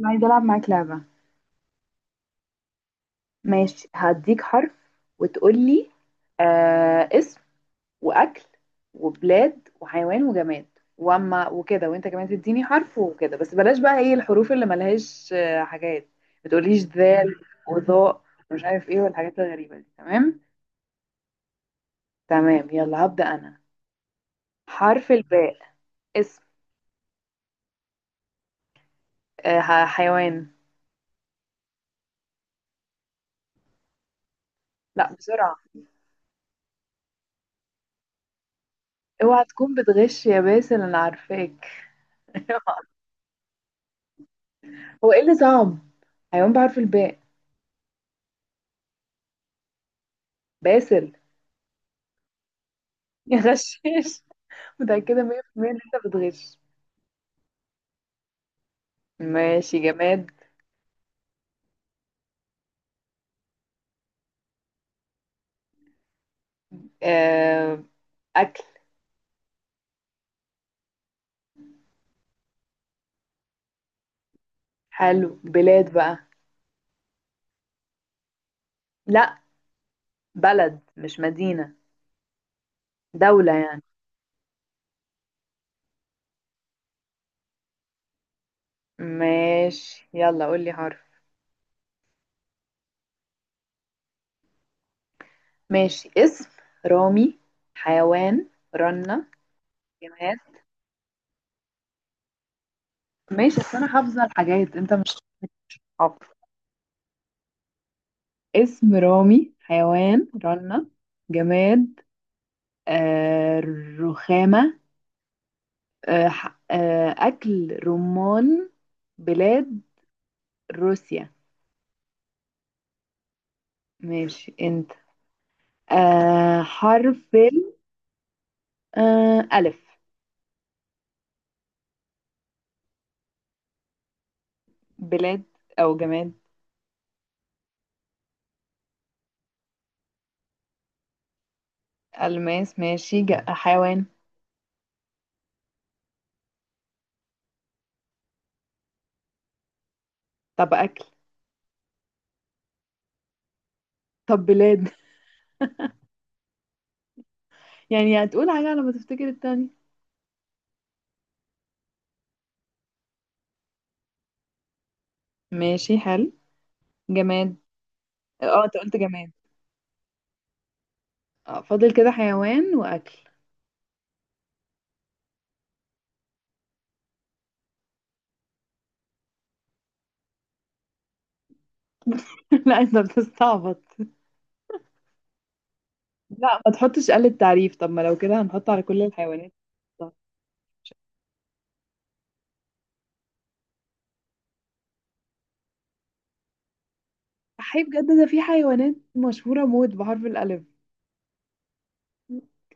انا عايزه العب معاك لعبه. ماشي، هديك حرف وتقولي اسم واكل وبلاد وحيوان وجماد واما وكده، وانت كمان تديني حرف وكده. بس بلاش بقى ايه الحروف اللي ملهاش حاجات. ما تقوليش ذال وظاء ومش عارف ايه والحاجات الغريبه دي. تمام. تمام يلا هبدا انا. حرف الباء. اسم. حيوان. لا بسرعه. اوعى تكون بتغش يا باسل، انا عارفاك. هو ايه اللي صعب؟ حيوان بحرف الباء. باسل. يا غشاش. متأكدة 100% إن أنت بتغش. ماشي. جماد. آه، أكل. حلو. بلاد بقى. لأ، بلد مش مدينة، دولة يعني. ماشي، يلا قولي حرف. ماشي. اسم رامي. حيوان رنة. جماد. ماشي، أصل أنا حافظة الحاجات أنت مش حافظ. اسم رامي، حيوان رنة. جماد. آه رخامة. أكل رمان. بلاد روسيا. ماشي أنت. حرف ال آه، ألف. بلاد أو جماد. ألماس. ماشي. حيوان. طب أكل. طب بلاد. يعني هتقول حاجة على ما تفتكر التاني. ماشي، حلو. جماد. اه انت قلت جماد. اه فاضل كده حيوان وأكل. لا انت بتستعبط. لا، ما تحطش آلة تعريف. طب ما لو كده هنحط على كل الحيوانات. حي بجد، ده في حيوانات مشهورة موت بحرف الألف.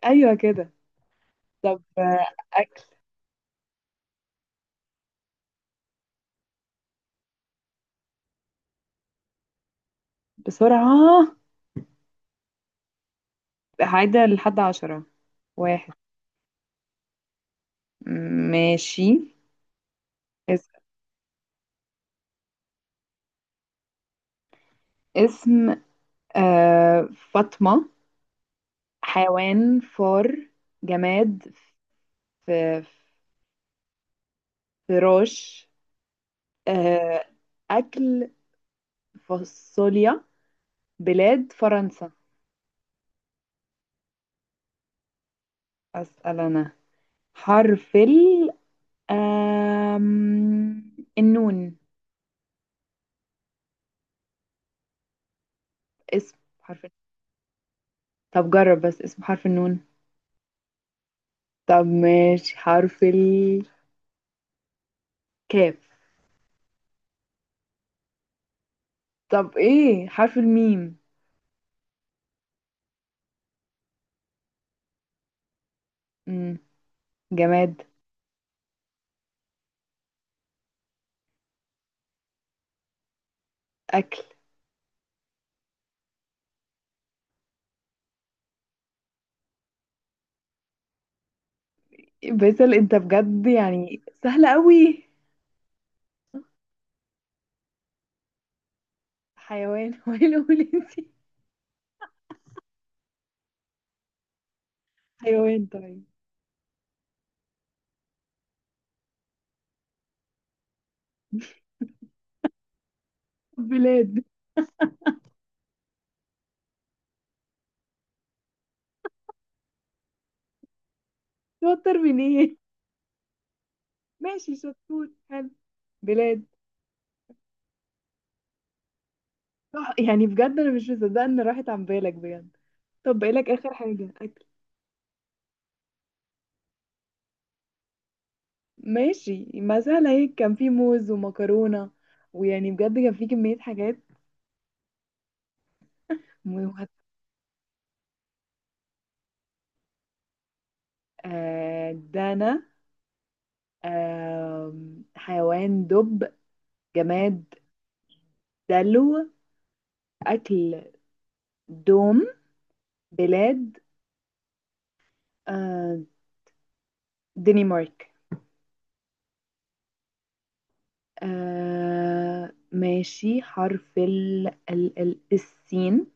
أيوة كده. طب أكل بسرعة. عايدة لحد عشرة. واحد. ماشي. اسم. اسم فاطمة. حيوان فار. جماد. ف- فراش. آه. أكل فاصوليا. بلاد فرنسا. أسأل أنا. حرف ال آم، النون. اسم حرف. طب جرب بس، اسمه حرف النون. طب ماشي، حرف الكاف. طب ايه، حرف الميم. مم. جماد. اكل. باسل انت بجد يعني سهلة قوي. حيوان. هو ايه اللي أقول انتي. حيوان طيب. بلاد. شاطر من ايه. ماشي شطور، حلو. بلاد. صح، يعني بجد انا مش مصدقه ان راحت عن بالك بجد. طب بقالك اخر حاجه، اكل. ماشي، ما سهله هيك، كان في موز ومكرونه، ويعني بجد كان في كميه حاجات. مهم. دانا. آه حيوان دب. جماد دلو. أكل دوم. بلاد. آه دنمارك. ماشي، حرف ال ال ال السين.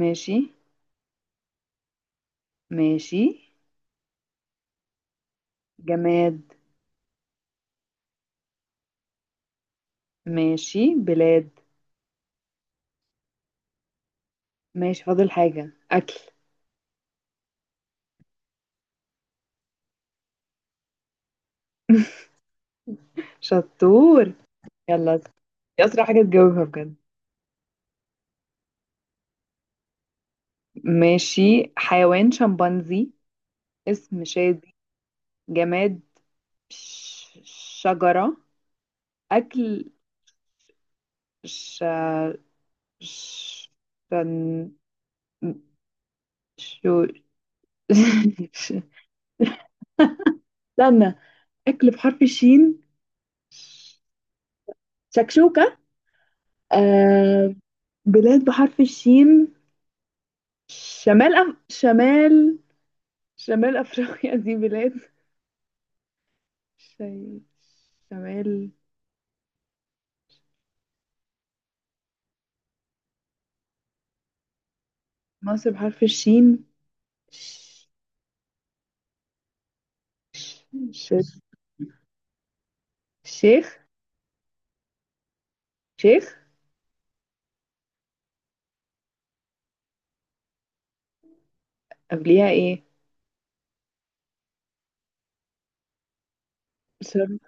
ماشي. ماشي. جماد. ماشي. بلاد. ماشي. فاضل حاجة، أكل. شطور. يلا دي أسرع حاجة تجاوبها بجد. ماشي، حيوان شمبانزي. اسم شادي. جماد. ش- شجرة. أكل. ش... ش... شن... شو. استنى، أكل بحرف الشين. شكشوكة. آه... بلاد بحرف الشين. شمال أف... شمال شمال أفريقيا. دي بلاد. ش... شمال. مصر بحرف الشين. ش... ش... شيخ شيخ. قبليها ايه؟ شرم.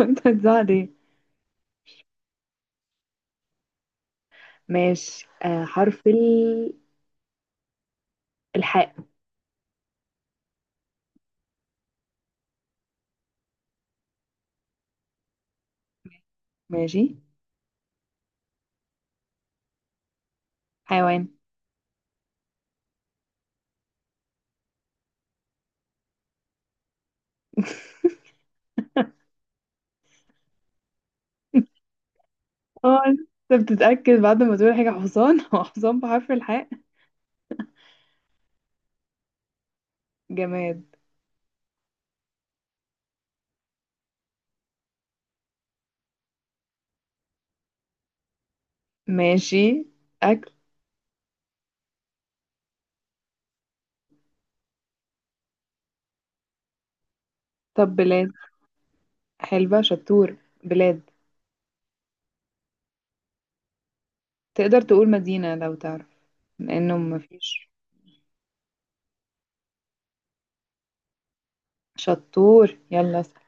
انت هتزعل. ماشي. آه حرف الحاء. ماشي. حيوان. اه، انت بتتأكد بعد ما تقول حاجة حصان. هو حصان بحرف الحاء. جماد. ماشي. أكل. طب بلاد. حلبة شطور. بلاد. تقدر تقول مدينة لو تعرف، لأنه مفيش. شطور، يلا اسأل.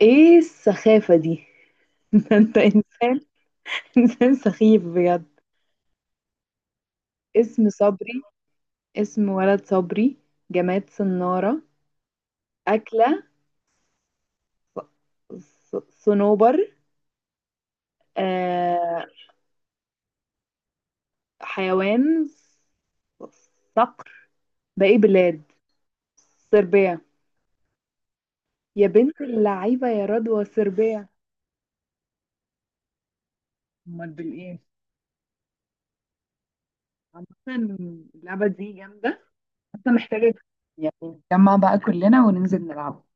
ايه السخافة دي؟ ده انت انسان، انسان سخيف بجد. اسم صبري. اسم ولد صبري. جماد صنارة. أكلة صنوبر. آه. حيوان صقر. باقي بلاد. صربيا. يا بنت اللعيبة يا رضوى، صربيا. امال بالايه؟ عامة اللعبة دي جامدة، بس محتاجة يعني نتجمع بقى كلنا وننزل نلعب.